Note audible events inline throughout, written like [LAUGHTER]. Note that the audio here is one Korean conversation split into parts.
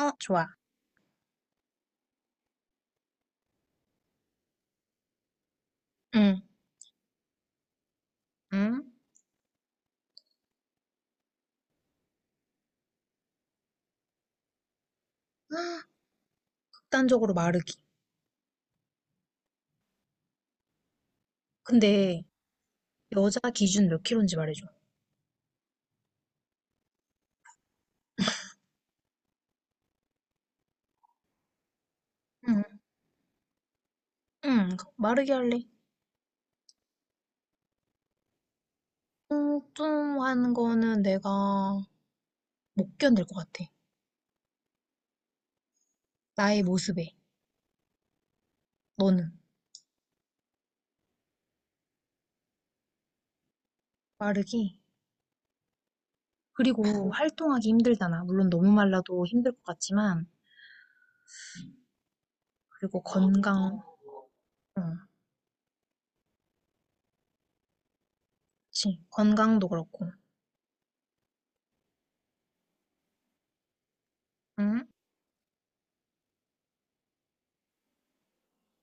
어, 좋아. 응. 응? 헉, 극단적으로 마르기. 근데 여자 기준 몇 킬로인지 말해줘. 응. 응. 마르기 할래. 뚱뚱한 거는 내가 못 견딜 것 같아. 나의 모습에. 너는? 마르기. 그리고 활동하기 힘들잖아. 물론 너무 말라도 힘들 것 같지만. 그리고 건강. 어, 그치. 건강도 그렇고. 응?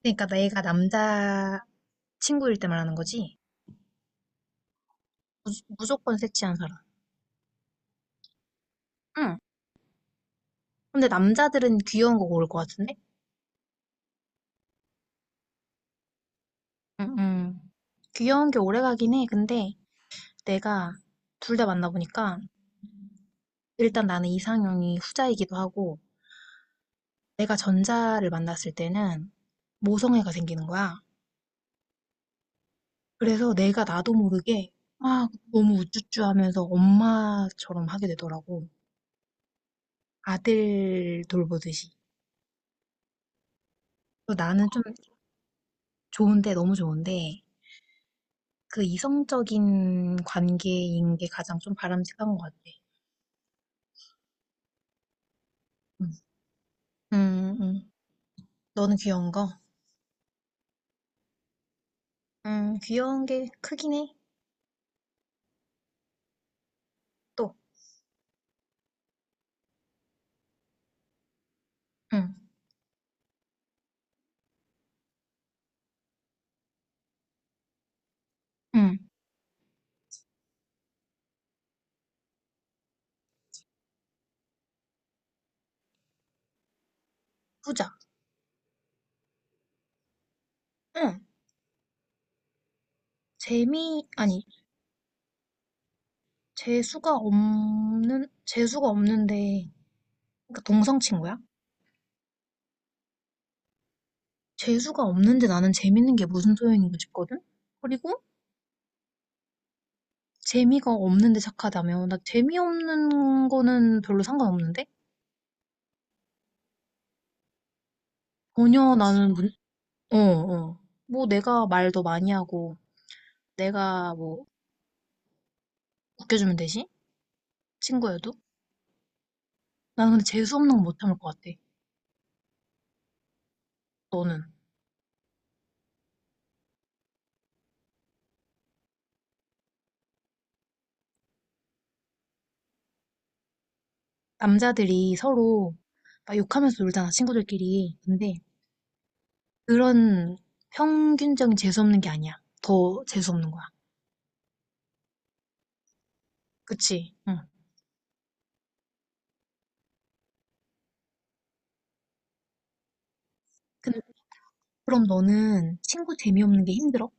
그러니까 내가 남자 친구일 때 말하는 거지. 무, 무조건 섹시한 사람. 응. 근데 남자들은 귀여운 거 고를 것 같은데? 응, 응. 귀여운 게 오래 가긴 해. 근데 내가 둘 다 만나보니까 일단 나는 이상형이 후자이기도 하고 내가 전자를 만났을 때는 모성애가 생기는 거야. 그래서 내가 나도 모르게 막 너무 우쭈쭈 하면서 엄마처럼 하게 되더라고. 아들 돌보듯이. 그래서 나는 좀 좋은데, 너무 좋은데 그 이성적인 관계인 게 가장 좀 바람직한 것 같아. 음. 응, 응. 응. 너는 귀여운 거? 귀여운 게 크긴 해. 또. 응. 응. 후자. 응. 재미, 아니, 재수가 없는데, 그러니까 동성 친구야? 재수가 없는데 나는 재밌는 게 무슨 소용인가 싶거든? 그리고 재미가 없는데 착하다며. 나 재미없는 거는 별로 상관없는데? 전혀 나는, 어, 어. 뭐 내가 말도 많이 하고, 내가 뭐 웃겨주면 되지? 친구여도? 나는 근데 재수 없는 건 못 참을 것 같아. 너는? 남자들이 서로 막 욕하면서 놀잖아, 친구들끼리. 근데 그런 평균적인 재수 없는 게 아니야. 더 재수 없는 거야. 그치? 응. 근데 그럼 너는 친구 재미없는 게 힘들어?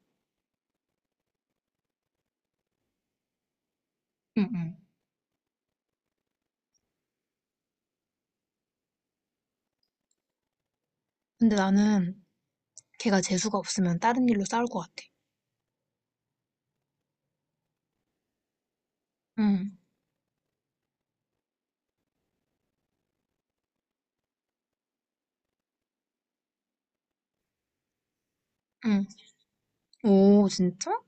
응, 응, 근데 나는 걔가 재수가 없으면 다른 일로 싸울 것 같아. 응, 응. 오, 진짜?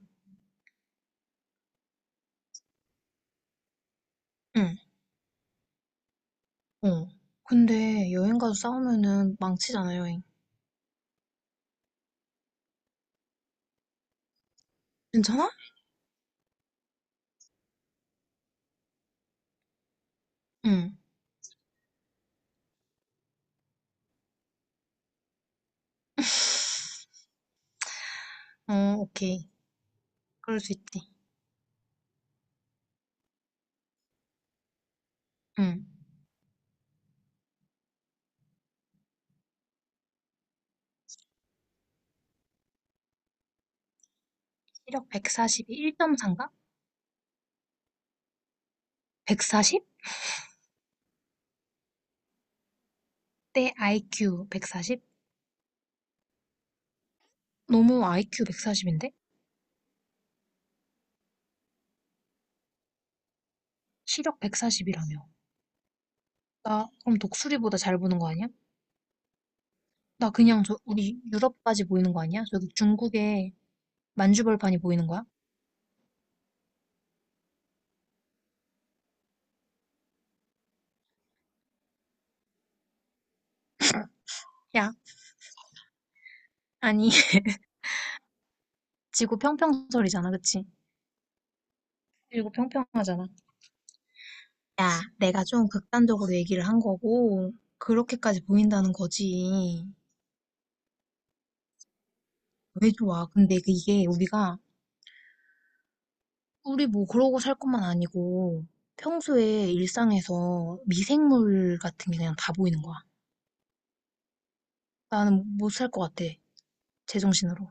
응. 어. 근데 여행 가서 싸우면은 망치잖아, 여행. 괜찮아? 응, [LAUGHS] 어, 오케이. 그럴 수 있지. 응. 시력 142, 1.3가? 140? 대 IQ 140? 너무 IQ 140인데? 시력 140이라며. 나 그럼 독수리보다 잘 보는 거 아니야? 나 그냥 저 우리 유럽까지 보이는 거 아니야? 저기 중국에 만주벌판이 보이는 거야? 야, 아니 [LAUGHS] 지구 평평설이잖아, 그치? 그리고 평평하잖아. 야, 내가 좀 극단적으로 얘기를 한 거고 그렇게까지 보인다는 거지. 왜 좋아? 근데 그 이게 우리가 우리 뭐 그러고 살 것만 아니고 평소에 일상에서 미생물 같은 게 그냥 다 보이는 거야. 나는 못 살 것 같아. 제정신으로.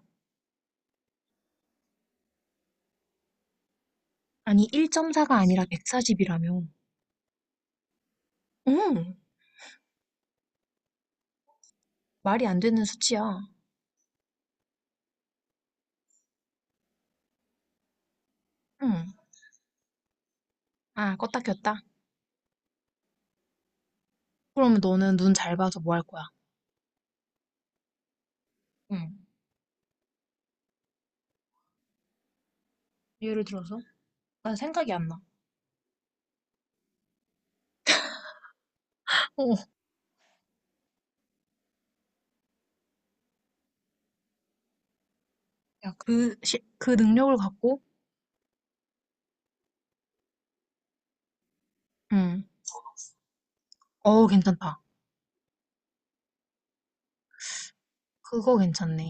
아니, 1.4가 아니라 140이라며. 응, 말이 안 되는 수치야. 응. 아, 껐다 켰다. 그러면 너는 눈 잘 봐서 뭐 할 거야? 응. 예를 들어서? 난 생각이 안 나. 어, 어. 야, 그, 시, 그 능력을 갖고? 응. 어, 괜찮다. 그거 괜찮네.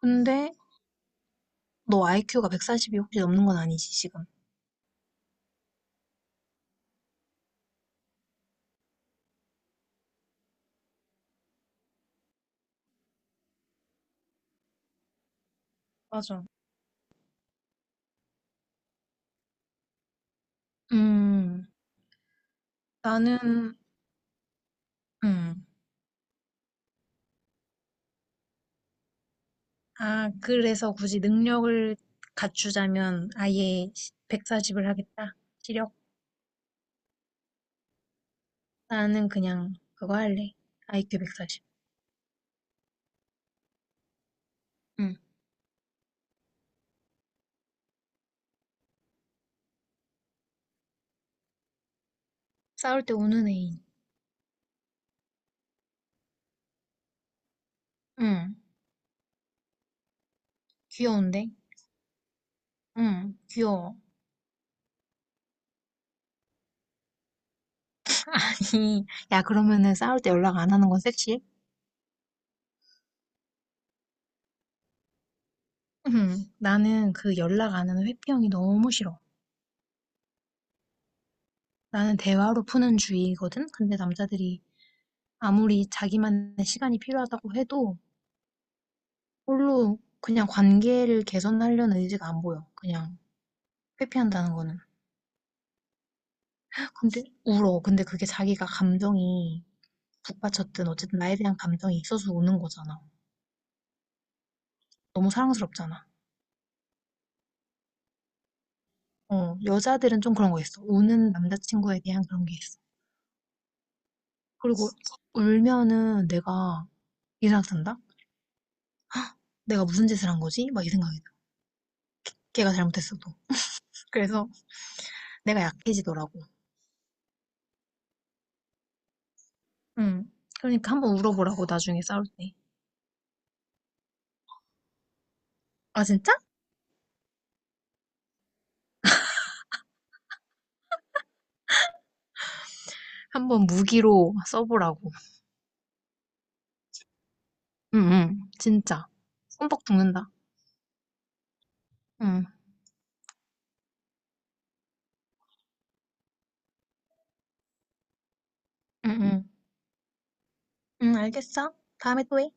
근데 너 IQ가 140이 혹시 넘는 건 아니지, 지금? 맞아. 음, 나는, 음, 아, 그래서 굳이 능력을 갖추자면 아예 140을 하겠다. 시력. 나는 그냥 그거 할래. IQ 140. 응. 싸울 때 우는 애인. 응. 귀여운데? 응, 귀여워. [LAUGHS] 아니, 야, 그러면은 싸울 때 연락 안 하는 건 섹시해? 응. 나는 그 연락 안 하는 회피형이 너무 싫어. 나는 대화로 푸는 주의거든? 근데 남자들이 아무리 자기만의 시간이 필요하다고 해도 별로 그냥 관계를 개선하려는 의지가 안 보여. 그냥 회피한다는 거는. 근데 울어. 근데 그게 자기가 감정이 북받쳤든 어쨌든 나에 대한 감정이 있어서 우는 거잖아. 너무 사랑스럽잖아. 어, 여자들은 좀 그런 거 있어. 우는 남자친구에 대한 그런 게 있어. 그리고 울면은 내가 이 생각 든다? 내가 무슨 짓을 한 거지? 막 이 생각이 나. 걔가 잘못했어도. 그래서 내가 약해지더라고. 응. 그러니까 한번 울어보라고, 나중에 싸울 때. 아, 진짜? 한번 무기로 써보라고. 응응. 진짜. 손뻑 죽는다. 응. 응, 응. 응, 알겠어. 다음에 또 해.